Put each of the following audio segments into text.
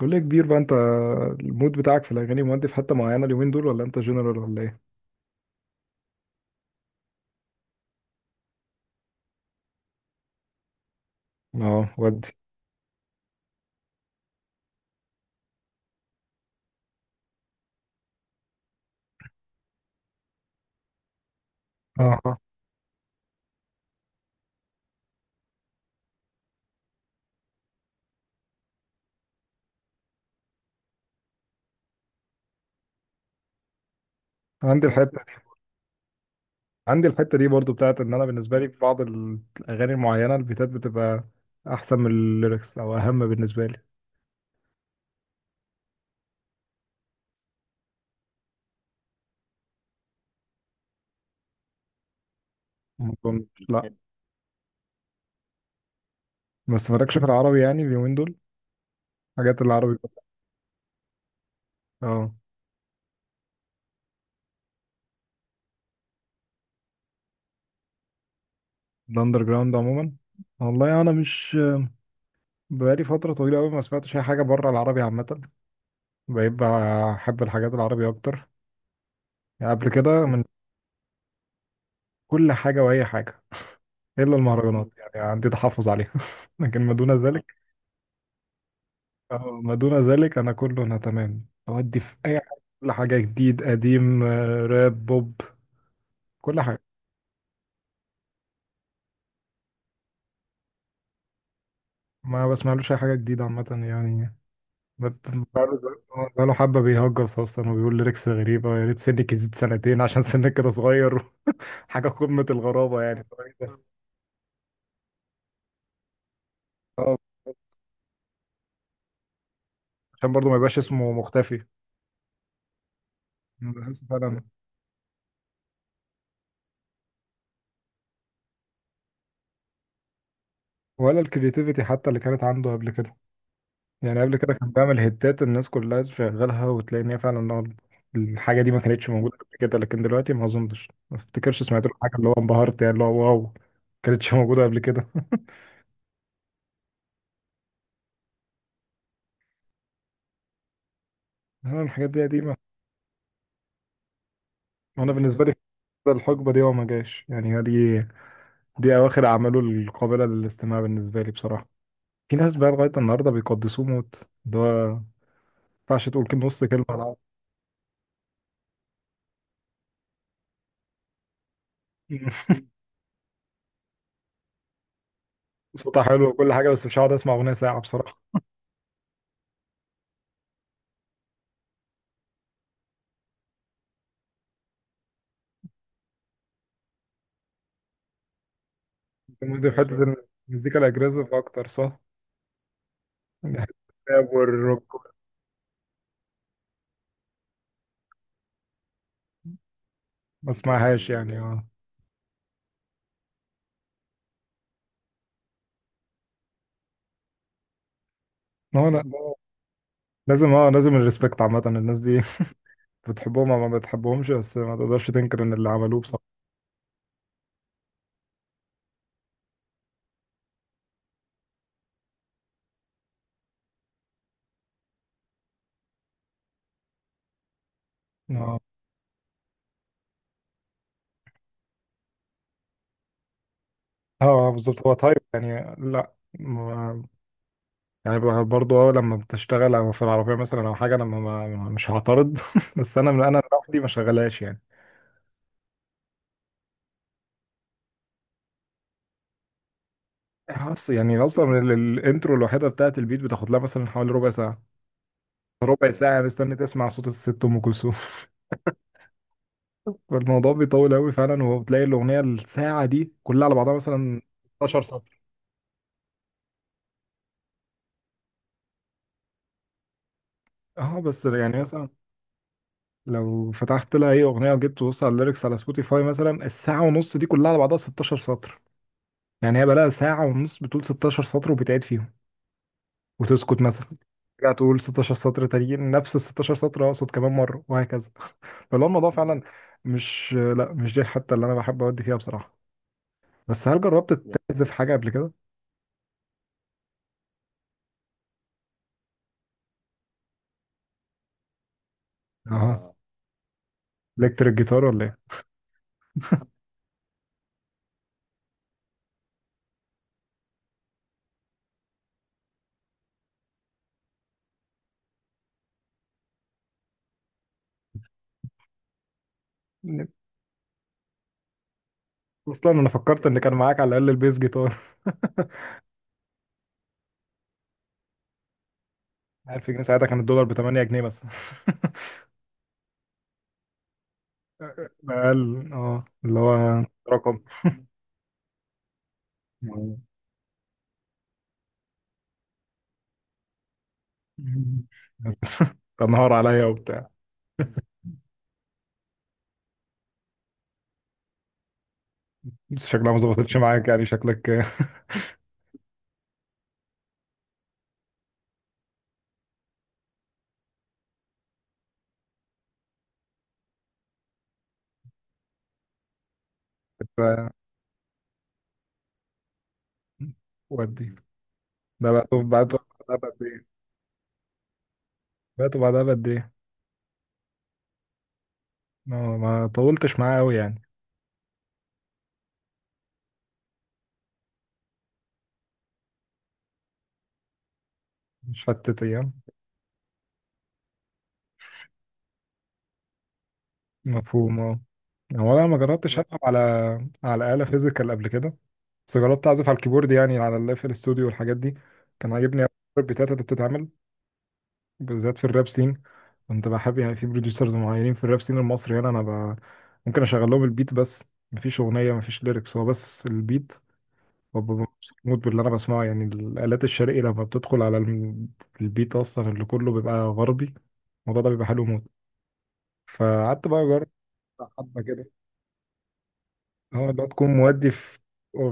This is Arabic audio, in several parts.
كل يا كبير بقى انت. المود بتاعك في الاغاني مودي في حته معينه اليومين دول ولا انت جنرال ولا ايه؟ اه ودي. اه. عندي الحته. عندي الحته دي برضو بتاعت ان انا بالنسبه لي في بعض الاغاني المعينه البيتات بتبقى احسن من الليركس او اهم بالنسبه لي. لا. بس مالكش في العربي يعني اليومين دول، حاجات العربي. اه الاندر جراوند عموما. والله انا مش، بقالي فتره طويله قوي ما سمعتش اي حاجه بره العربي عامه. بقيت بحب الحاجات العربي اكتر يعني قبل كده من كل حاجه واي حاجه، الا المهرجانات يعني عندي تحفظ عليها. لكن ما دون ذلك. ما دون ذلك انا كله انا تمام اودي في اي حاجه، كل حاجه، جديد قديم، راب بوب، كل حاجه. ما بسمعلوش اي حاجه جديده عامه يعني. بت- بقاله، بقاله حبه بيهجس اصلا وبيقول ليركس غريبه. يا ريت سنك يزيد سنتين عشان سنك كده صغير. حاجه قمه الغرابه يعني. آه، عشان برضه ما يبقاش اسمه مختفي. بحس فعلا، ولا الكرياتيفيتي حتى اللي كانت عنده قبل كده. يعني قبل كده كان بعمل هيتات الناس كلها تشغلها وتلاقي ان هي فعلا الحاجه دي ما كانتش موجوده قبل كده، لكن دلوقتي ما اظنش، ما افتكرش سمعت له حاجه اللي هو انبهرت يعني اللي هو واو، ما كانتش موجوده قبل كده. أنا الحاجات دي قديمه. وانا بالنسبه لي الحقبه دي هو ما جاش يعني، هي دي، دي اواخر اعماله القابله للاستماع بالنسبه لي بصراحه. في ناس بقى لغايه النهارده بيقدسوه موت، اللي هو ما ينفعش تقول كلمه نص كلمه على بعض. صوتها حلو وكل حاجه، بس مش هقعد اسمع اغنيه ساعه بصراحه. دي في حته المزيكا الاجريسيف اكتر، صح؟ بحب الراب والروك، ما اسمعهاش يعني اه. ما هو لازم، اه لازم الريسبكت عامة الناس دي. بتحبهم او ما بتحبهمش، بس ما تقدرش تنكر ان اللي عملوه بصراحة. اه اه بالظبط، هو تايب يعني، لا. ما- يعني برضه اه لما بتشتغل او في العربية مثلا او حاجة انا مش هعترض. بس انا من انا لوحدي ما شغلاش يعني. اصلا يعني اصلا الانترو الوحيدة بتاعت البيت بتاخد لها مثلا حوالي ربع ساعة. ربع ساعة مستني تسمع صوت الست ام كلثوم. فالموضوع بيطول قوي فعلا، وبتلاقي الاغنيه الساعه دي كلها على بعضها مثلا 12 سطر. اه بس يعني مثلا لو فتحت لها اي اغنيه وجيت تبص على الليركس على سبوتيفاي مثلا، الساعه ونص دي كلها على بعضها 16 سطر. يعني هي بقى لها ساعه ونص بتقول 16 سطر وبتعيد فيهم وتسكت مثلا، ترجع تقول 16 سطر تانيين نفس ال 16 سطر اقصد كمان مره وهكذا. فاللي هو الموضوع فعلا مش دي الحته اللي انا بحب اودي فيها بصراحه. بس هل جربت يعني تعزف حاجه قبل كده؟ اها. الكتريك جيتار ولا ايه؟ اصلا انا فكرت ان كان معاك على الاقل البيس جيتار. 1000 جنيه ساعتها كان الدولار ب 8 جنيه بس. اقل اه اللي هو رقم. تنهار عليا وبتاع. بس شكلها ما ظبطتش معاك يعني شكلك. آه، ودي، ده بقى طب بعد بعدها بقد ايه؟ بعته بعدها بقد ايه؟ ما طولتش معاه قوي يعني. مش فاتت ايام؟ مفهوم اه. هو انا ما جربتش العب على على آلة فيزيكال قبل كده، بس جربت اعزف على الكيبورد يعني على الاف ال استوديو والحاجات دي. كان عاجبني أوي البيتات اللي بتتعمل بالذات في الراب سين. كنت بحب يعني في بروديوسرز معينين في الراب سين المصري هنا انا ب... ممكن اشغل لهم البيت بس، مفيش اغنيه مفيش ليركس، هو بس البيت، وابقى مبسوط موت باللي انا بسمعه. يعني الالات الشرقي لما بتدخل على البيت اصلا اللي كله بيبقى غربي، الموضوع ده بيبقى حلو موت. فقعدت بقى اجرب حبه كده. اه لو تكون مودي في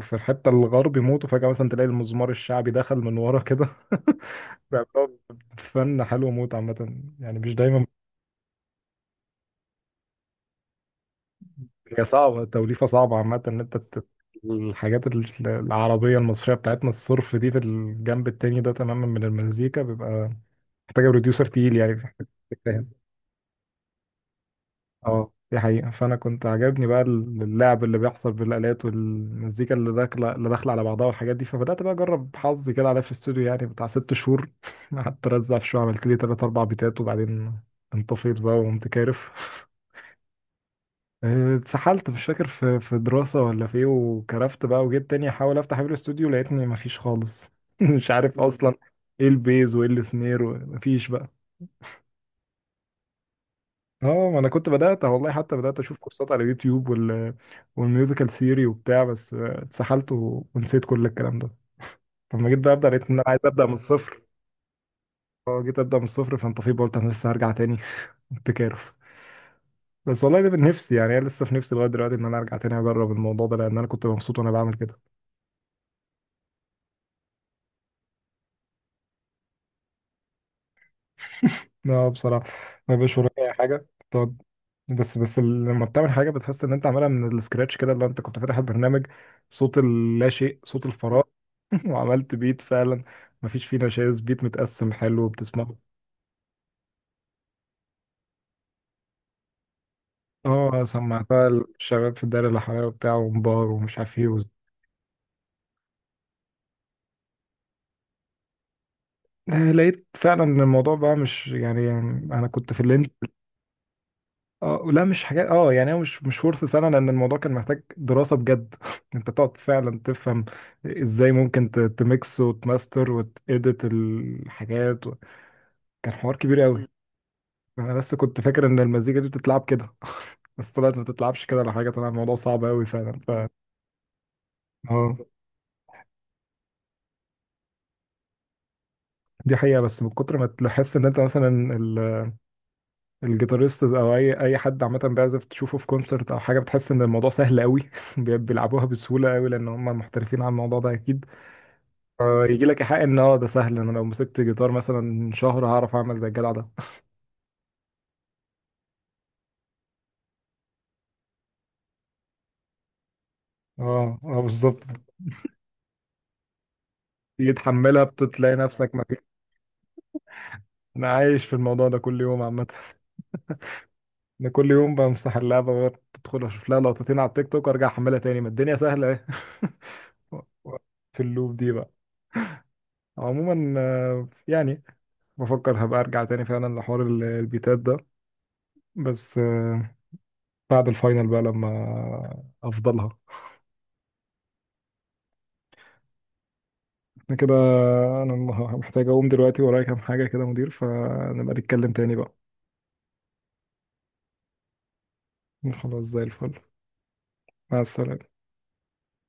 في الحته الغرب يموت وفجاه مثلا تلاقي المزمار الشعبي دخل من ورا كده. بيعملوا فن حلو موت عامه، يعني مش دايما. هي صعبه، توليفه صعبه عامه، ان انت الحاجات العربيه المصريه بتاعتنا الصرف دي في الجنب التاني ده تماما من المزيكا بيبقى محتاجه بروديوسر تقيل يعني. اه دي حقيقة. فأنا كنت عجبني بقى اللعب اللي بيحصل بالآلات والمزيكا اللي داخلة على بعضها والحاجات دي. فبدأت بقى أجرب حظي كده عليا في الاستوديو يعني بتاع ست شهور. قعدت أرزع في شوية، عملت لي تلات أربع بيتات وبعدين انطفيت بقى وقمت كارف. اتسحلت، مش فاكر في في دراسة ولا في ايه، وكرفت بقى. وجيت تاني أحاول أفتح بير الاستوديو لقيتني مفيش خالص. مش عارف أصلا ايه البيز وايه السنير، ومفيش بقى. اه ما انا كنت بدات والله، حتى بدات اشوف كورسات على اليوتيوب وال... والميوزيكال ثيوري وبتاع، بس اتسحلت ونسيت كل الكلام ده. لما جيت بقى ابدا لقيت ان انا عايز ابدا من الصفر. اه جيت ابدا من الصفر، فانت في قلت انا لسه هرجع تاني. التكارف. بس والله ده من نفسي يعني، انا لسه في نفسي لغايه دلوقتي ان انا ارجع تاني اجرب الموضوع ده، لان انا كنت مبسوط وانا بعمل كده. لا بصراحة ما بيبقاش وراك أي حاجة بتقعد. بس لما بتعمل حاجة بتحس إن أنت عاملها من السكراتش كده، اللي أنت كنت فاتح البرنامج صوت اللا شيء، صوت الفراغ، وعملت بيت فعلا مفيش فيه نشاز، بيت متقسم حلو وبتسمعه. اه سمعتها الشباب في الدايرة اللي حواليا وبتاع، ومبار ومش عارف ايه لقيت فعلا ان الموضوع بقى مش يعني، يعني انا كنت في اللينج. اه لا مش حاجات اه يعني، هو مش مش فرصة سنة، لأن الموضوع كان محتاج دراسة بجد. أنت تقعد فعلا تفهم إزاي ممكن تميكس وتماستر وتإديت الحاجات و... كان حوار كبير قوي. أنا لسه كنت فاكر إن المزيكا دي بتتلعب كده. بس طلعت ما تتلعبش كده ولا حاجة، طلع الموضوع صعب قوي فعلا. ف اه دي حقيقة. بس من كتر ما تحس إن أنت مثلا ال... الجيتاريست أو أي حد عامة بيعزف تشوفه في كونسرت أو حاجة، بتحس إن الموضوع سهل قوي. بيلعبوها بسهولة قوي، لأن هم محترفين على الموضوع ده أكيد. يجي لك حق ان اه ده سهل، انا لو مسكت جيتار مثلا شهر هعرف اعمل زي الجدع ده. اه اه بالظبط. تيجي تحملها بتلاقي نفسك مكان. انا عايش في الموضوع ده كل يوم عامه. انا كل يوم بمسح اللعبه وأقعد ادخل اشوف لها لقطتين على التيك توك وارجع احملها تاني، ما الدنيا سهله اهي. و- و- في اللوب دي بقى. عموما يعني بفكر هبقى ارجع تاني فعلا لحوار البيتات ده، بس بعد الفاينل بقى لما افضلها. انا كده، انا محتاج اقوم دلوقتي، ورايا كام حاجة كده يا مدير، فنبقى نتكلم تاني بقى. خلاص زي الفل. مع السلامة.